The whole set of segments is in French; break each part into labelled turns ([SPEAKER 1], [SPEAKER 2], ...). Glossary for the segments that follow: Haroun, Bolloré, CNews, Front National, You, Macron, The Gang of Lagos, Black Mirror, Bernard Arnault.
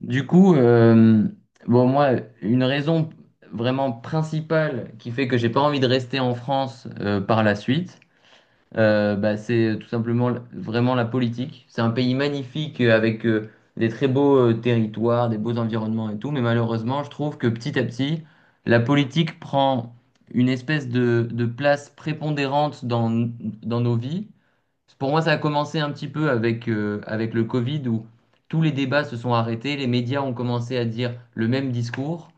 [SPEAKER 1] Du coup, euh, bon, moi, une raison vraiment principale qui fait que j'ai pas envie de rester en France par la suite, c'est tout simplement vraiment la politique. C'est un pays magnifique avec des très beaux territoires, des beaux environnements et tout, mais malheureusement, je trouve que petit à petit, la politique prend une espèce de place prépondérante dans nos vies pour moi, ça a commencé un petit peu avec, avec le Covid où tous les débats se sont arrêtés, les médias ont commencé à dire le même discours.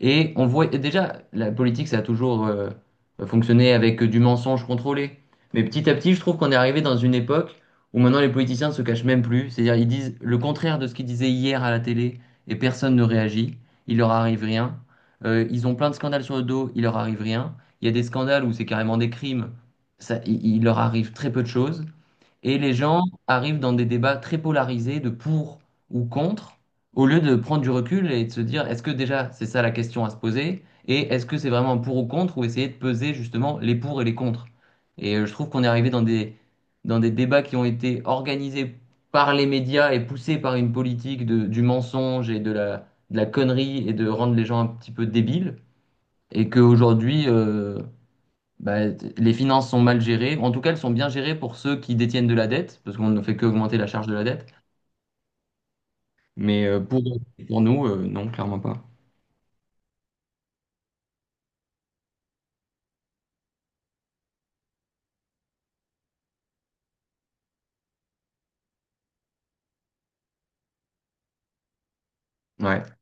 [SPEAKER 1] Et on voit et déjà, la politique, ça a toujours fonctionné avec du mensonge contrôlé. Mais petit à petit, je trouve qu'on est arrivé dans une époque où maintenant les politiciens ne se cachent même plus. C'est-à-dire, ils disent le contraire de ce qu'ils disaient hier à la télé et personne ne réagit. Il leur arrive rien. Ils ont plein de scandales sur le dos, il leur arrive rien. Il y a des scandales où c'est carrément des crimes, ça, il leur arrive très peu de choses. Et les gens arrivent dans des débats très polarisés de pour ou contre, au lieu de prendre du recul et de se dire, est-ce que déjà c'est ça la question à se poser, et est-ce que c'est vraiment un pour ou contre, ou essayer de peser justement les pour et les contre. Et je trouve qu'on est arrivé dans des débats qui ont été organisés par les médias et poussés par une politique du mensonge et de la connerie et de rendre les gens un petit peu débiles, et qu'aujourd'hui, les finances sont mal gérées. En tout cas, elles sont bien gérées pour ceux qui détiennent de la dette, parce qu'on ne fait qu'augmenter la charge de la dette. Mais euh, pour, pour nous, non, clairement pas. Ouais.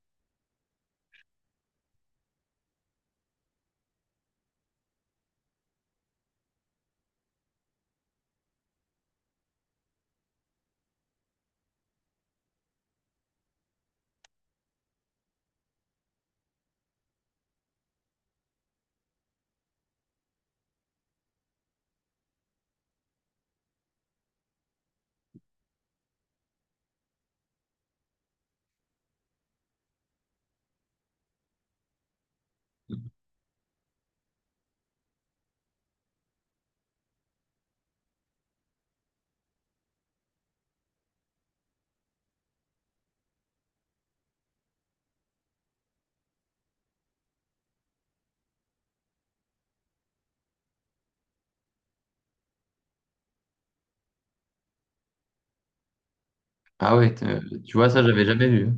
[SPEAKER 1] Ah ouais, t- euh, tu vois, ça, j'avais jamais vu.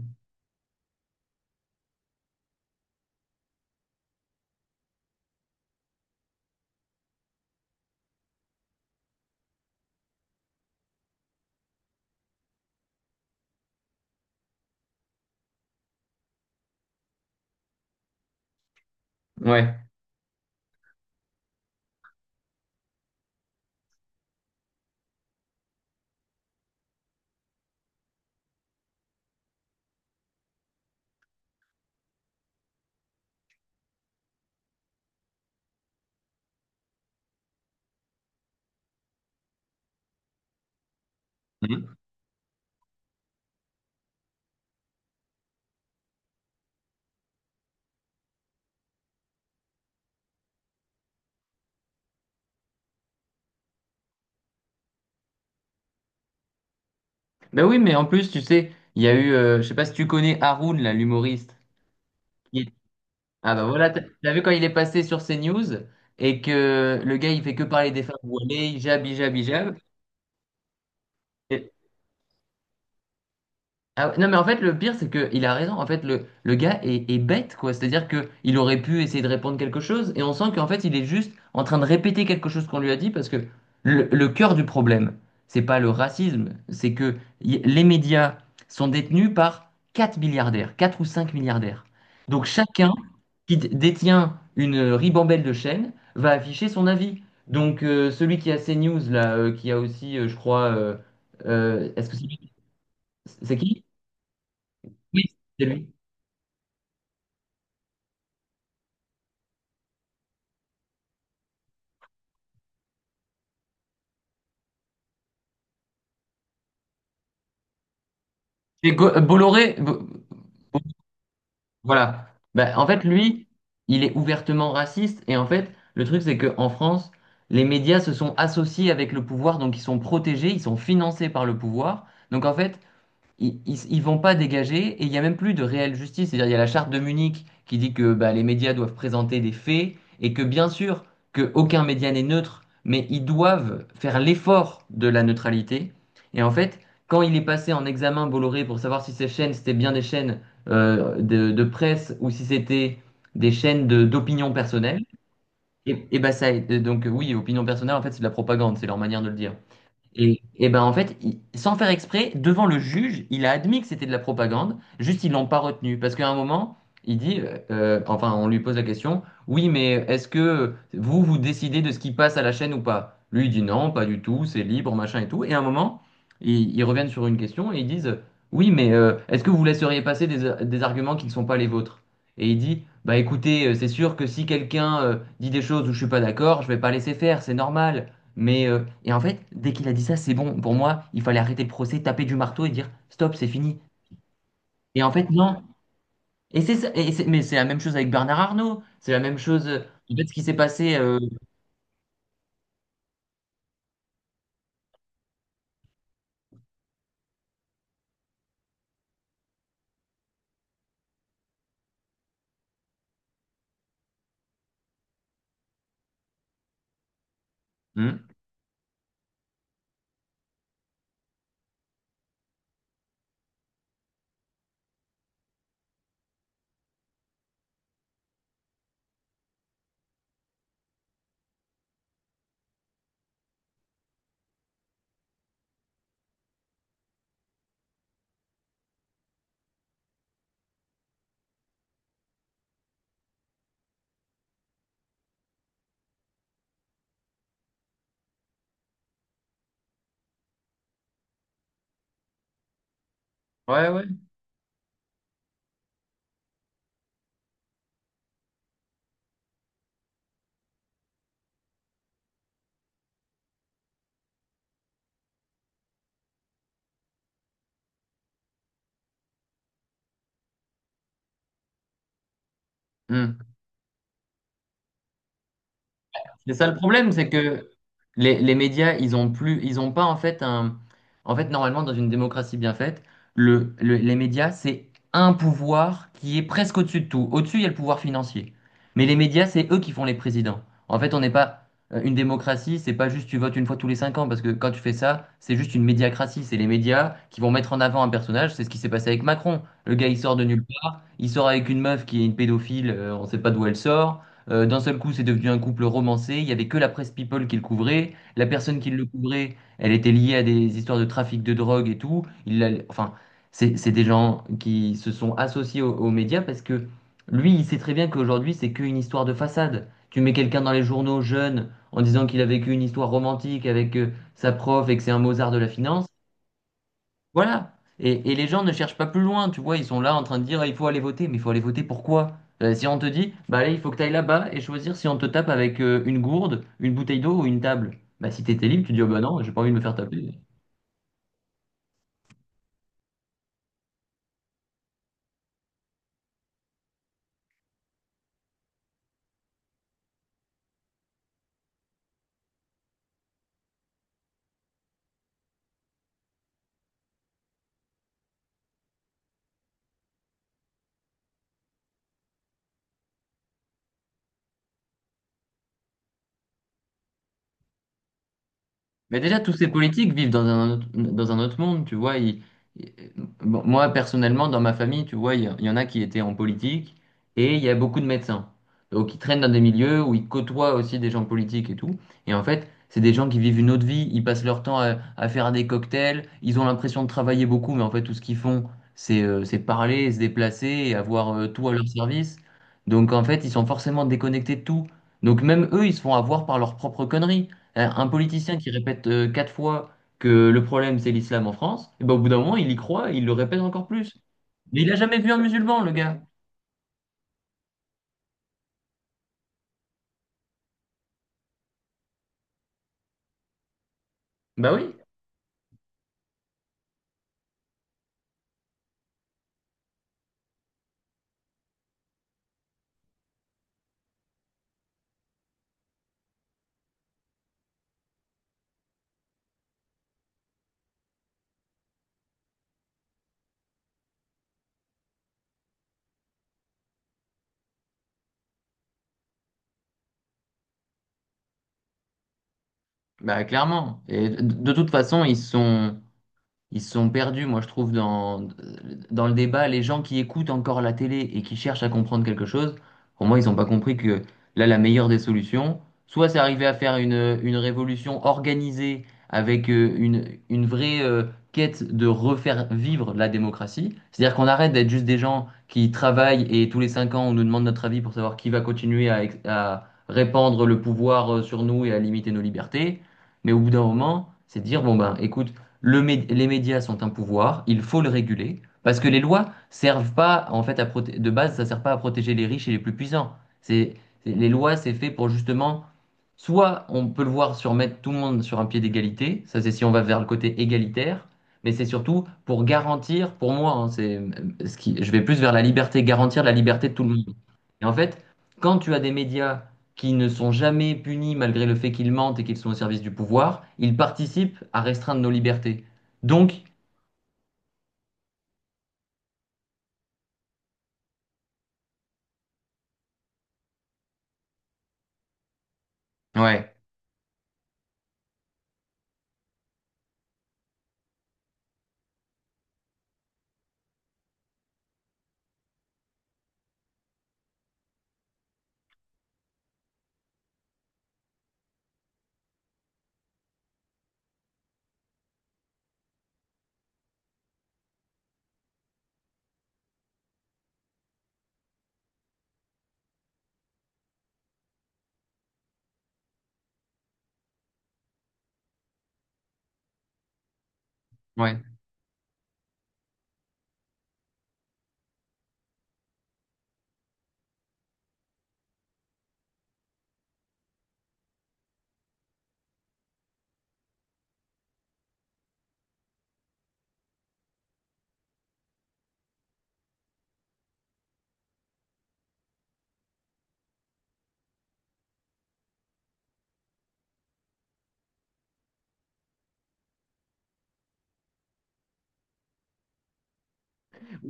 [SPEAKER 1] Ouais. Mhm. Bah oui, mais en plus, tu sais, il y a eu, je sais pas si tu connais Haroun, là, l'humoriste. Il- Ah bah voilà, t'as vu quand il est passé sur CNews et que le gars, il fait que parler des femmes voilées, hijab, hijab, hijab. Ah ouais, non mais en fait le pire c'est que il a raison en fait le gars est bête quoi, c'est-à-dire que il aurait pu essayer de répondre quelque chose et on sent qu'en fait il est juste en train de répéter quelque chose qu'on lui a dit parce que le cœur du problème c'est pas le racisme c'est que les médias sont détenus par 4 milliardaires, 4 ou 5 milliardaires, donc chacun qui détient une ribambelle de chaînes va afficher son avis. Donc celui qui a CNews là qui a aussi je crois est-ce que c'est lui- c'est qui? Oui, c'est lui. C'est Bolloré. Bo- Voilà. Ben, en fait, lui, il est ouvertement raciste. Et en fait, le truc, c'est qu'en France, les médias se sont associés avec le pouvoir, donc ils sont protégés, ils sont financés par le pouvoir. Donc en fait, ils vont pas dégager et il n'y a même plus de réelle justice. C'est-à-dire, il y a la charte de Munich qui dit que bah, les médias doivent présenter des faits et que bien sûr que aucun média n'est neutre, mais ils doivent faire l'effort de la neutralité. Et en fait, quand il est passé en examen Bolloré pour savoir si ces chaînes c'était bien des chaînes de presse ou si c'était des chaînes d'opinion personnelle, ça, donc oui, opinion personnelle, en fait c'est de la propagande, c'est leur manière de le dire. En fait, sans faire exprès, devant le juge, il a admis que c'était de la propagande, juste ils l'ont pas retenu. Parce qu'à un moment, enfin on lui pose la question, oui mais est-ce que vous, vous décidez de ce qui passe à la chaîne ou pas? Lui il dit non, pas du tout, c'est libre, machin et tout. Et à un moment, ils reviennent sur une question et ils disent, oui mais est-ce que vous laisseriez passer des arguments qui ne sont pas les vôtres? Et il dit, bah écoutez, c'est sûr que si quelqu'un dit des choses où je suis pas d'accord, je vais pas laisser faire, c'est normal. En fait, dès qu'il a dit ça, c'est bon. Pour moi, il fallait arrêter le procès, taper du marteau et dire stop, c'est fini. Et en fait, non. Et c'est ça. Mais c'est la même chose avec Bernard Arnault. C'est la même chose. En fait, ce qui s'est passé. Hmm. Ouais, ouais. Hmm. C'est ça le problème, c'est que les médias, ils ont pas en fait un. En fait, normalement, dans une démocratie bien faite, les médias, c'est un pouvoir qui est presque au-dessus de tout. Au-dessus, il y a le pouvoir financier. Mais les médias, c'est eux qui font les présidents. En fait, on n'est pas une démocratie, c'est pas juste tu votes une fois tous les cinq ans, parce que quand tu fais ça, c'est juste une médiacratie. C'est les médias qui vont mettre en avant un personnage. C'est ce qui s'est passé avec Macron. Le gars, il sort avec une meuf qui est une pédophile, on sait pas d'où elle sort. D'un seul coup, c'est devenu un couple romancé. Il y avait que la presse People qui le couvrait. La personne qui le couvrait, elle était liée à des histoires de trafic de drogue et tout. Enfin, c'est des gens qui se sont associés aux médias parce que lui, il sait très bien qu'aujourd'hui, c'est qu'une histoire de façade. Tu mets quelqu'un dans les journaux jeune en disant qu'il a vécu une histoire romantique avec sa prof et que c'est un Mozart de la finance. Voilà. Et les gens ne cherchent pas plus loin, tu vois, ils sont là en train de dire, ah, il faut aller voter, mais il faut aller voter pourquoi? Si on te dit, bah allez, il faut que tu ailles là-bas et choisir si on te tape avec une gourde, une bouteille d'eau ou une table. Bah si t'étais libre, tu dis, oh, bah non, j'ai pas envie de me faire taper. Mais déjà, tous ces politiques vivent dans un autre monde, tu vois. Ils- bon, moi, personnellement, dans ma famille, tu vois, il y en a qui étaient en politique et il y a beaucoup de médecins. Donc, ils traînent dans des milieux où ils côtoient aussi des gens politiques et tout. Et en fait, c'est des gens qui vivent une autre vie. Ils passent leur temps à faire des cocktails. Ils ont l'impression de travailler beaucoup, mais en fait, tout ce qu'ils font, c'est parler, se déplacer et avoir tout à leur service. Donc, en fait, ils sont forcément déconnectés de tout. Donc, même eux, ils se font avoir par leurs propres conneries. Un politicien qui répète quatre fois que le problème c'est l'islam en France, et ben, au bout d'un moment il y croit, et il le répète encore plus. Mais il a jamais vu un musulman, le gars. Bah oui, bah clairement. Et de toute façon, ils se sont perdus, moi je trouve, dans le débat. Les gens qui écoutent encore la télé et qui cherchent à comprendre quelque chose, pour moi, ils n'ont pas compris que là, la meilleure des solutions, soit c'est arriver à faire une révolution organisée avec une vraie quête de refaire vivre la démocratie. C'est-à-dire qu'on arrête d'être juste des gens qui travaillent et tous les cinq ans, on nous demande notre avis pour savoir qui va continuer à, à répandre le pouvoir sur nous et à limiter nos libertés. Mais au bout d'un moment, c'est de dire, bon ben, écoute, les médias sont un pouvoir, il faut le réguler, parce que les lois servent pas, en fait, de base, ça sert pas à protéger les riches et les plus puissants. C'est, les lois, c'est fait pour justement, soit on peut le voir sur mettre tout le monde sur un pied d'égalité, ça c'est si on va vers le côté égalitaire, mais c'est surtout pour garantir, pour moi, hein, je vais plus vers la liberté, garantir la liberté de tout le monde. Et en fait, quand tu as des médias qui ne sont jamais punis malgré le fait qu'ils mentent et qu'ils sont au service du pouvoir, ils participent à restreindre nos libertés. Donc, ouais, ouais.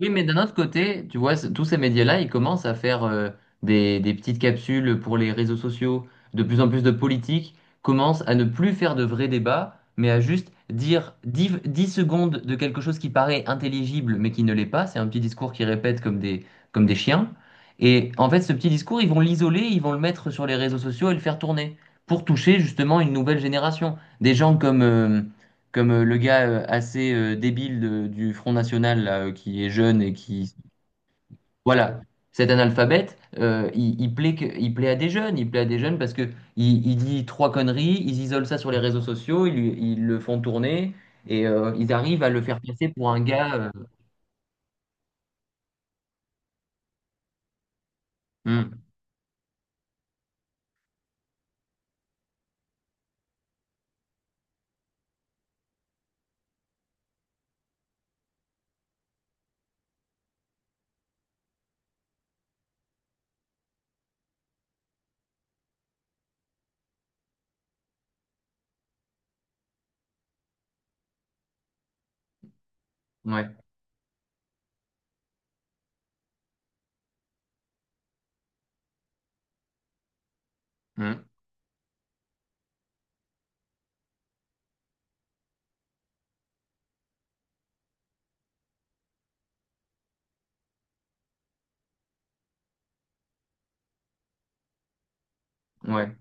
[SPEAKER 1] Oui, mais d'un autre côté, tu vois, tous ces médias-là, ils commencent à faire des petites capsules pour les réseaux sociaux. De plus en plus de politiques commencent à ne plus faire de vrais débats, mais à juste dire 10 10 secondes de quelque chose qui paraît intelligible, mais qui ne l'est pas. C'est un petit discours qu'ils répètent comme des chiens. Et en fait, ce petit discours, ils vont l'isoler, ils vont le mettre sur les réseaux sociaux et le faire tourner pour toucher justement une nouvelle génération. Des gens comme le gars assez débile du Front National là, qui est jeune et qui voilà, cet analphabète il il plaît à des jeunes, il plaît à des jeunes parce que il dit trois conneries, ils isolent ça sur les réseaux sociaux, ils le font tourner et ils arrivent à le faire passer pour un gars hmm, ouais. Hmm, ouais.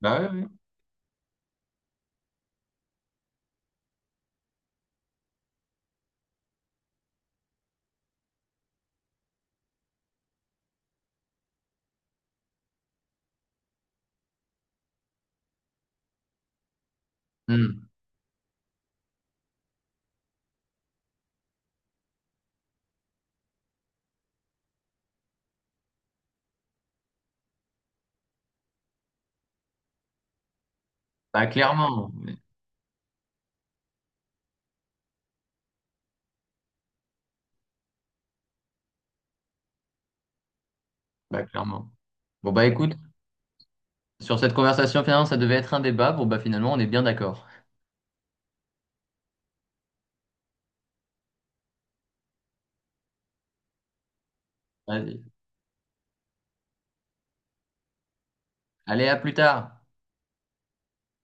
[SPEAKER 1] Bah ouais, ouais. Hmm. Bah clairement ouais. Bah clairement bon bah écoute, sur cette conversation finalement ça devait être un débat, bon bah finalement on est bien d'accord. Vas-y. Allez à plus tard.